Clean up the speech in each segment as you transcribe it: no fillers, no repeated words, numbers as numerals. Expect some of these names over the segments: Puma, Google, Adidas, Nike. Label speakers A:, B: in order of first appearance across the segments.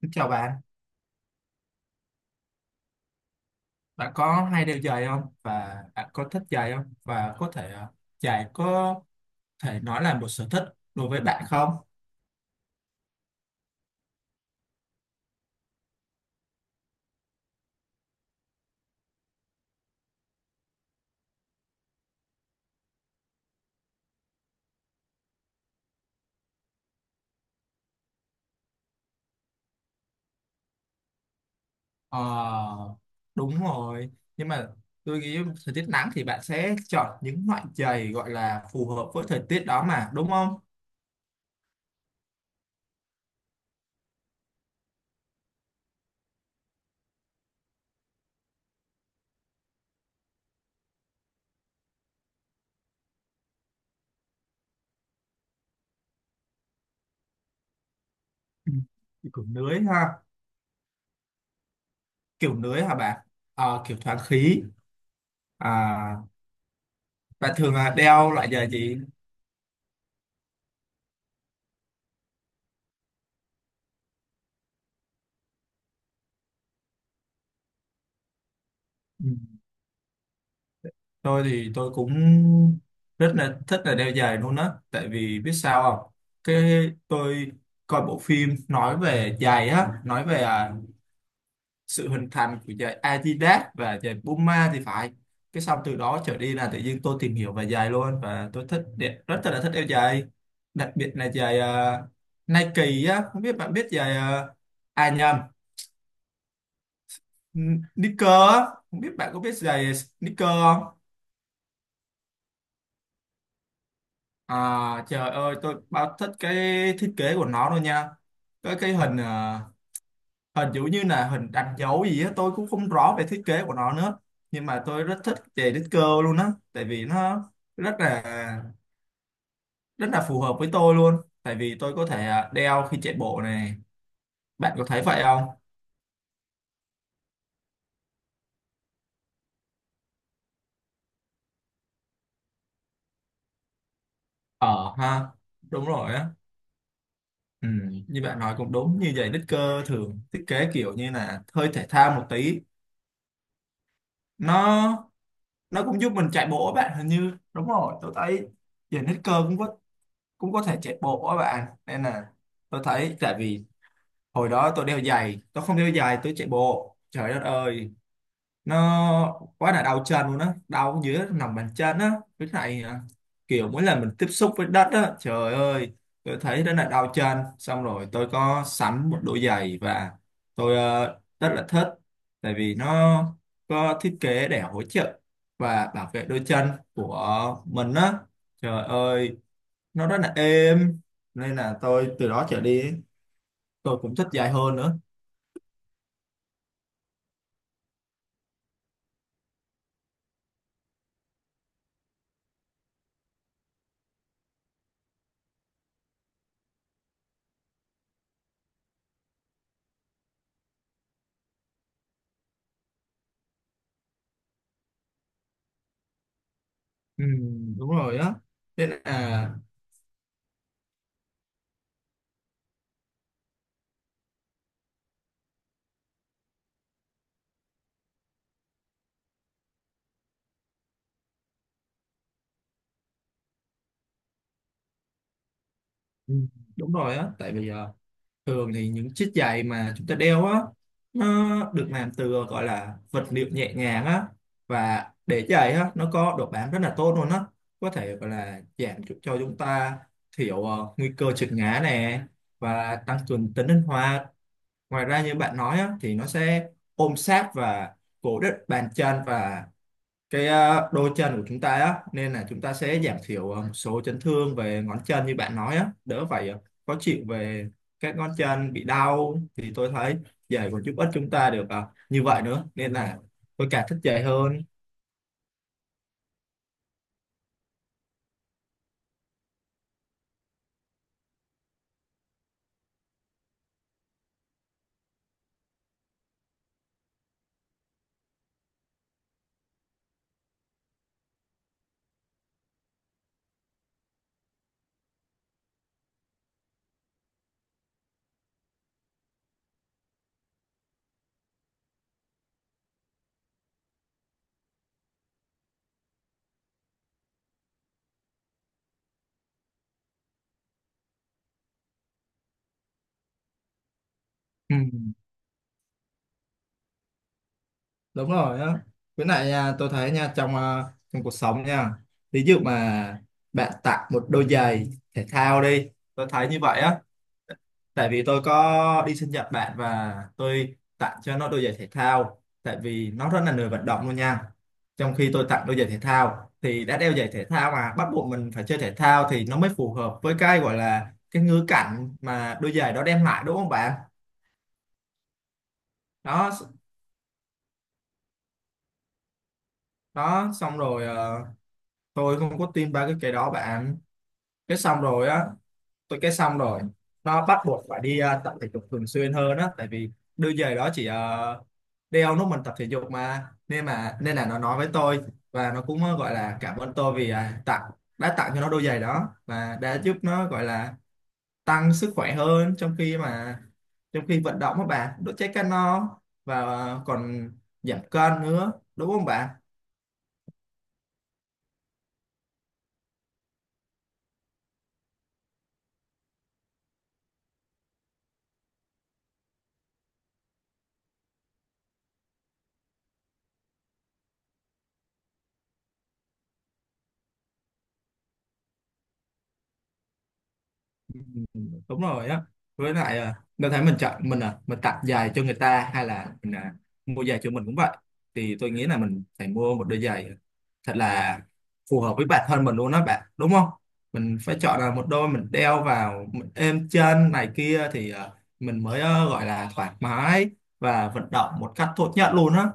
A: Kính chào bạn, bạn có hay đeo giày không, và bạn có thích giày không, và có thể giày có thể nói là một sở thích đối với bạn không? Ờ, đúng rồi, nhưng mà tôi nghĩ thời tiết nắng thì bạn sẽ chọn những loại giày gọi là phù hợp với thời tiết đó mà, đúng không? Ừ. Kiểu lưới ha, kiểu lưới hả bạn? Ờ, kiểu thoáng khí. À, bạn thường đeo loại giày gì? Ừ. Tôi thì tôi cũng rất là thích là đeo giày luôn á, tại vì biết sao không, cái tôi coi bộ phim nói về giày á, nói về sự hình thành của giày Adidas và giày Puma thì phải, cái xong từ đó trở đi là tự nhiên tôi tìm hiểu về giày luôn, và tôi thích rất là thích đeo giày, đặc biệt là giày Nike á, không biết bạn biết giày à nhầm Sneaker á, không biết bạn có biết giày sneaker không. À trời ơi, tôi bao thích cái thiết kế của nó luôn nha. Cái hình hình giống như là hình đánh dấu gì á, tôi cũng không rõ về thiết kế của nó nữa. Nhưng mà tôi rất thích về đích cơ luôn á. Tại vì nó rất là rất là phù hợp với tôi luôn. Tại vì tôi có thể đeo khi chạy bộ này. Bạn có thấy vậy không? Ờ ha, đúng rồi á, ừ, như bạn nói cũng đúng, như vậy đích cơ thường thiết kế kiểu như là hơi thể thao một tí, nó nó cũng giúp mình chạy bộ á bạn, hình như đúng rồi, tôi thấy giờ hết cơ cũng có, cũng có thể chạy bộ á bạn, nên là tôi thấy tại vì hồi đó tôi đeo giày, tôi không đeo giày tôi chạy bộ, trời đất ơi, nó quá là đau chân luôn á, đau dưới lòng bàn chân á. Với lại kiểu mỗi lần mình tiếp xúc với đất á, trời ơi tôi thấy rất là đau chân, xong rồi tôi có sắm một đôi giày và tôi rất là thích, tại vì nó có thiết kế để hỗ trợ và bảo vệ đôi chân của mình á. Trời ơi, nó rất là êm, nên là tôi từ đó trở đi tôi cũng thích giày hơn nữa. Ừ, đúng rồi á, thế là ừ, đúng rồi á, tại vì thường thì những chiếc giày mà chúng ta đeo á, nó được làm từ gọi là vật liệu nhẹ nhàng á, và để giày á nó có độ bám rất là tốt luôn á, có thể gọi là giảm cho chúng ta thiểu nguy cơ trượt ngã nè, và tăng cường tính linh hoạt. Ngoài ra như bạn nói á, thì nó sẽ ôm sát và cố định bàn chân, và cái đôi chân của chúng ta á, nên là chúng ta sẽ giảm thiểu một số chấn thương về ngón chân, như bạn nói á đỡ phải khó chịu về các ngón chân bị đau, thì tôi thấy giày còn giúp ích chúng ta được như vậy nữa, nên là tôi càng thích giày hơn. Ừ, đúng rồi á, với lại nha, tôi thấy nha trong trong cuộc sống nha, ví dụ mà bạn tặng một đôi giày thể thao đi, tôi thấy như vậy á, tại vì tôi có đi sinh nhật bạn và tôi tặng cho nó đôi giày thể thao, tại vì nó rất là lười vận động luôn nha. Trong khi tôi tặng đôi giày thể thao thì đã đeo giày thể thao mà bắt buộc mình phải chơi thể thao, thì nó mới phù hợp với cái gọi là cái ngữ cảnh mà đôi giày đó đem lại, đúng không bạn? Đó đó, xong rồi tôi không có tin ba cái đó bạn, cái xong rồi á, tôi cái xong rồi, nó bắt buộc phải đi tập thể dục thường xuyên hơn á, tại vì đôi giày đó chỉ đeo lúc mình tập thể dục mà, nên nên là nó nói với tôi, và nó cũng gọi là cảm ơn tôi vì tặng đã tặng cho nó đôi giày đó, và đã giúp nó gọi là tăng sức khỏe hơn, trong khi mà trong khi vận động các bạn đốt cháy calo và còn giảm cân nữa, đúng không bạn? Ừ, đúng rồi á, với lại đâu thấy mình chọn mình mình tặng giày cho người ta, hay là mình mua giày cho mình cũng vậy, thì tôi nghĩ là mình phải mua một đôi giày thật là phù hợp với bản thân mình luôn đó bạn, đúng không? Mình phải chọn là một đôi mình đeo vào mình êm chân này kia, thì mình mới gọi là thoải mái và vận động một cách tốt nhất luôn á.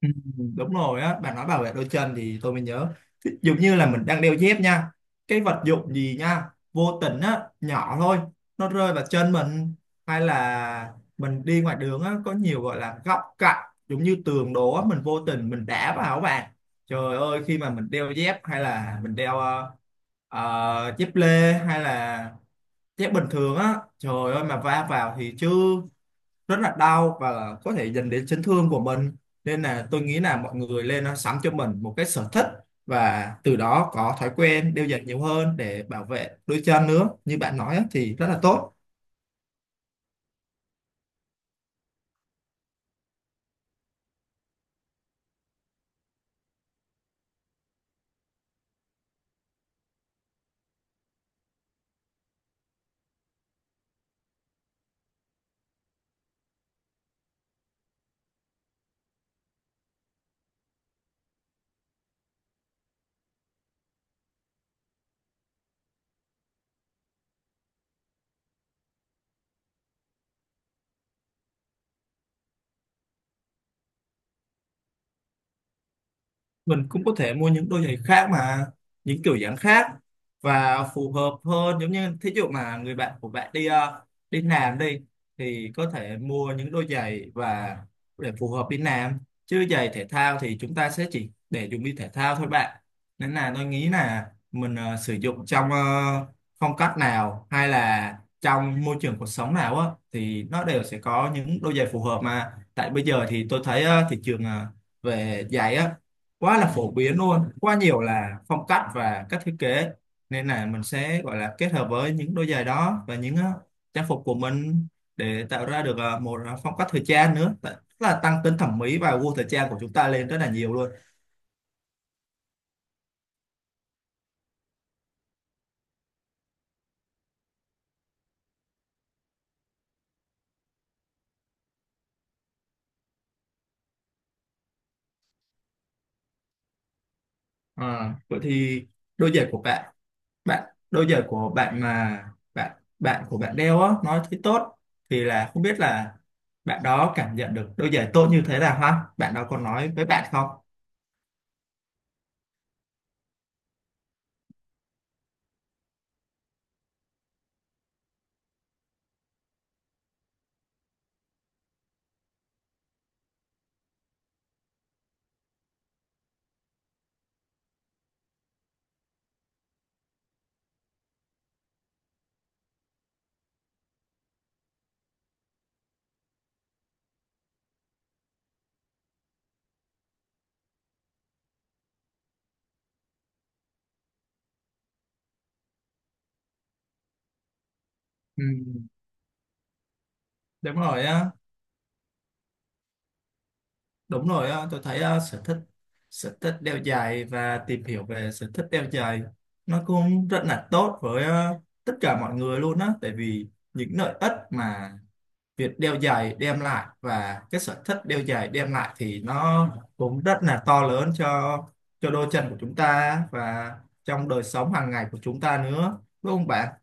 A: Ừ, đúng rồi á, bạn nói bảo vệ đôi chân thì tôi mới nhớ. Ví dụ như là mình đang đeo dép nha, cái vật dụng gì nha vô tình á nhỏ thôi nó rơi vào chân mình, hay là mình đi ngoài đường á có nhiều gọi là góc cạnh giống như tường đổ á, mình vô tình mình đá vào các bạn, trời ơi khi mà mình đeo dép hay là mình đeo dép lê hay là dép bình thường á, trời ơi mà va vào thì chứ rất là đau, và có thể dẫn đến chấn thương của mình, nên là tôi nghĩ là mọi người lên nó sắm cho mình một cái sở thích, và từ đó có thói quen đeo giày nhiều hơn để bảo vệ đôi chân nữa, như bạn nói á, thì rất là tốt. Mình cũng có thể mua những đôi giày khác mà, những kiểu dáng khác và phù hợp hơn, giống như thí dụ mà người bạn của bạn đi đi làm đi, thì có thể mua những đôi giày và để phù hợp đi làm, chứ giày thể thao thì chúng ta sẽ chỉ để dùng đi thể thao thôi bạn. Nên là tôi nghĩ là mình sử dụng trong phong cách nào hay là trong môi trường cuộc sống nào á, thì nó đều sẽ có những đôi giày phù hợp mà. Tại bây giờ thì tôi thấy thị trường về giày á quá là phổ biến luôn, quá nhiều là phong cách và cách thiết kế, nên là mình sẽ gọi là kết hợp với những đôi giày đó và những trang phục của mình để tạo ra được một phong cách thời trang nữa. Tức là tăng tính thẩm mỹ và gu thời trang của chúng ta lên rất là nhiều luôn. Ờ, vậy thì đôi giày của bạn, đôi giày của bạn mà bạn bạn của bạn đeo á nói thấy tốt, thì là không biết là bạn đó cảm nhận được đôi giày tốt như thế nào ha, bạn đó còn nói với bạn không? Ừ, đúng rồi á. Đúng rồi á, tôi thấy á, sở thích đeo giày và tìm hiểu về sở thích đeo giày nó cũng rất là tốt với tất cả mọi người luôn á, tại vì những lợi ích mà việc đeo giày đem lại và cái sở thích đeo giày đem lại thì nó cũng rất là to lớn cho đôi chân của chúng ta, và trong đời sống hàng ngày của chúng ta nữa, đúng không bạn?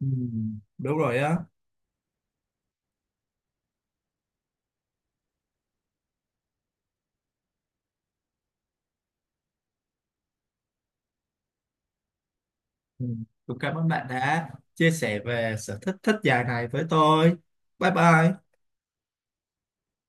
A: Ừ, đúng rồi á. Ừ. Cũng cảm ơn bạn đã chia sẻ về sở thích thích giày này với tôi. Bye bye.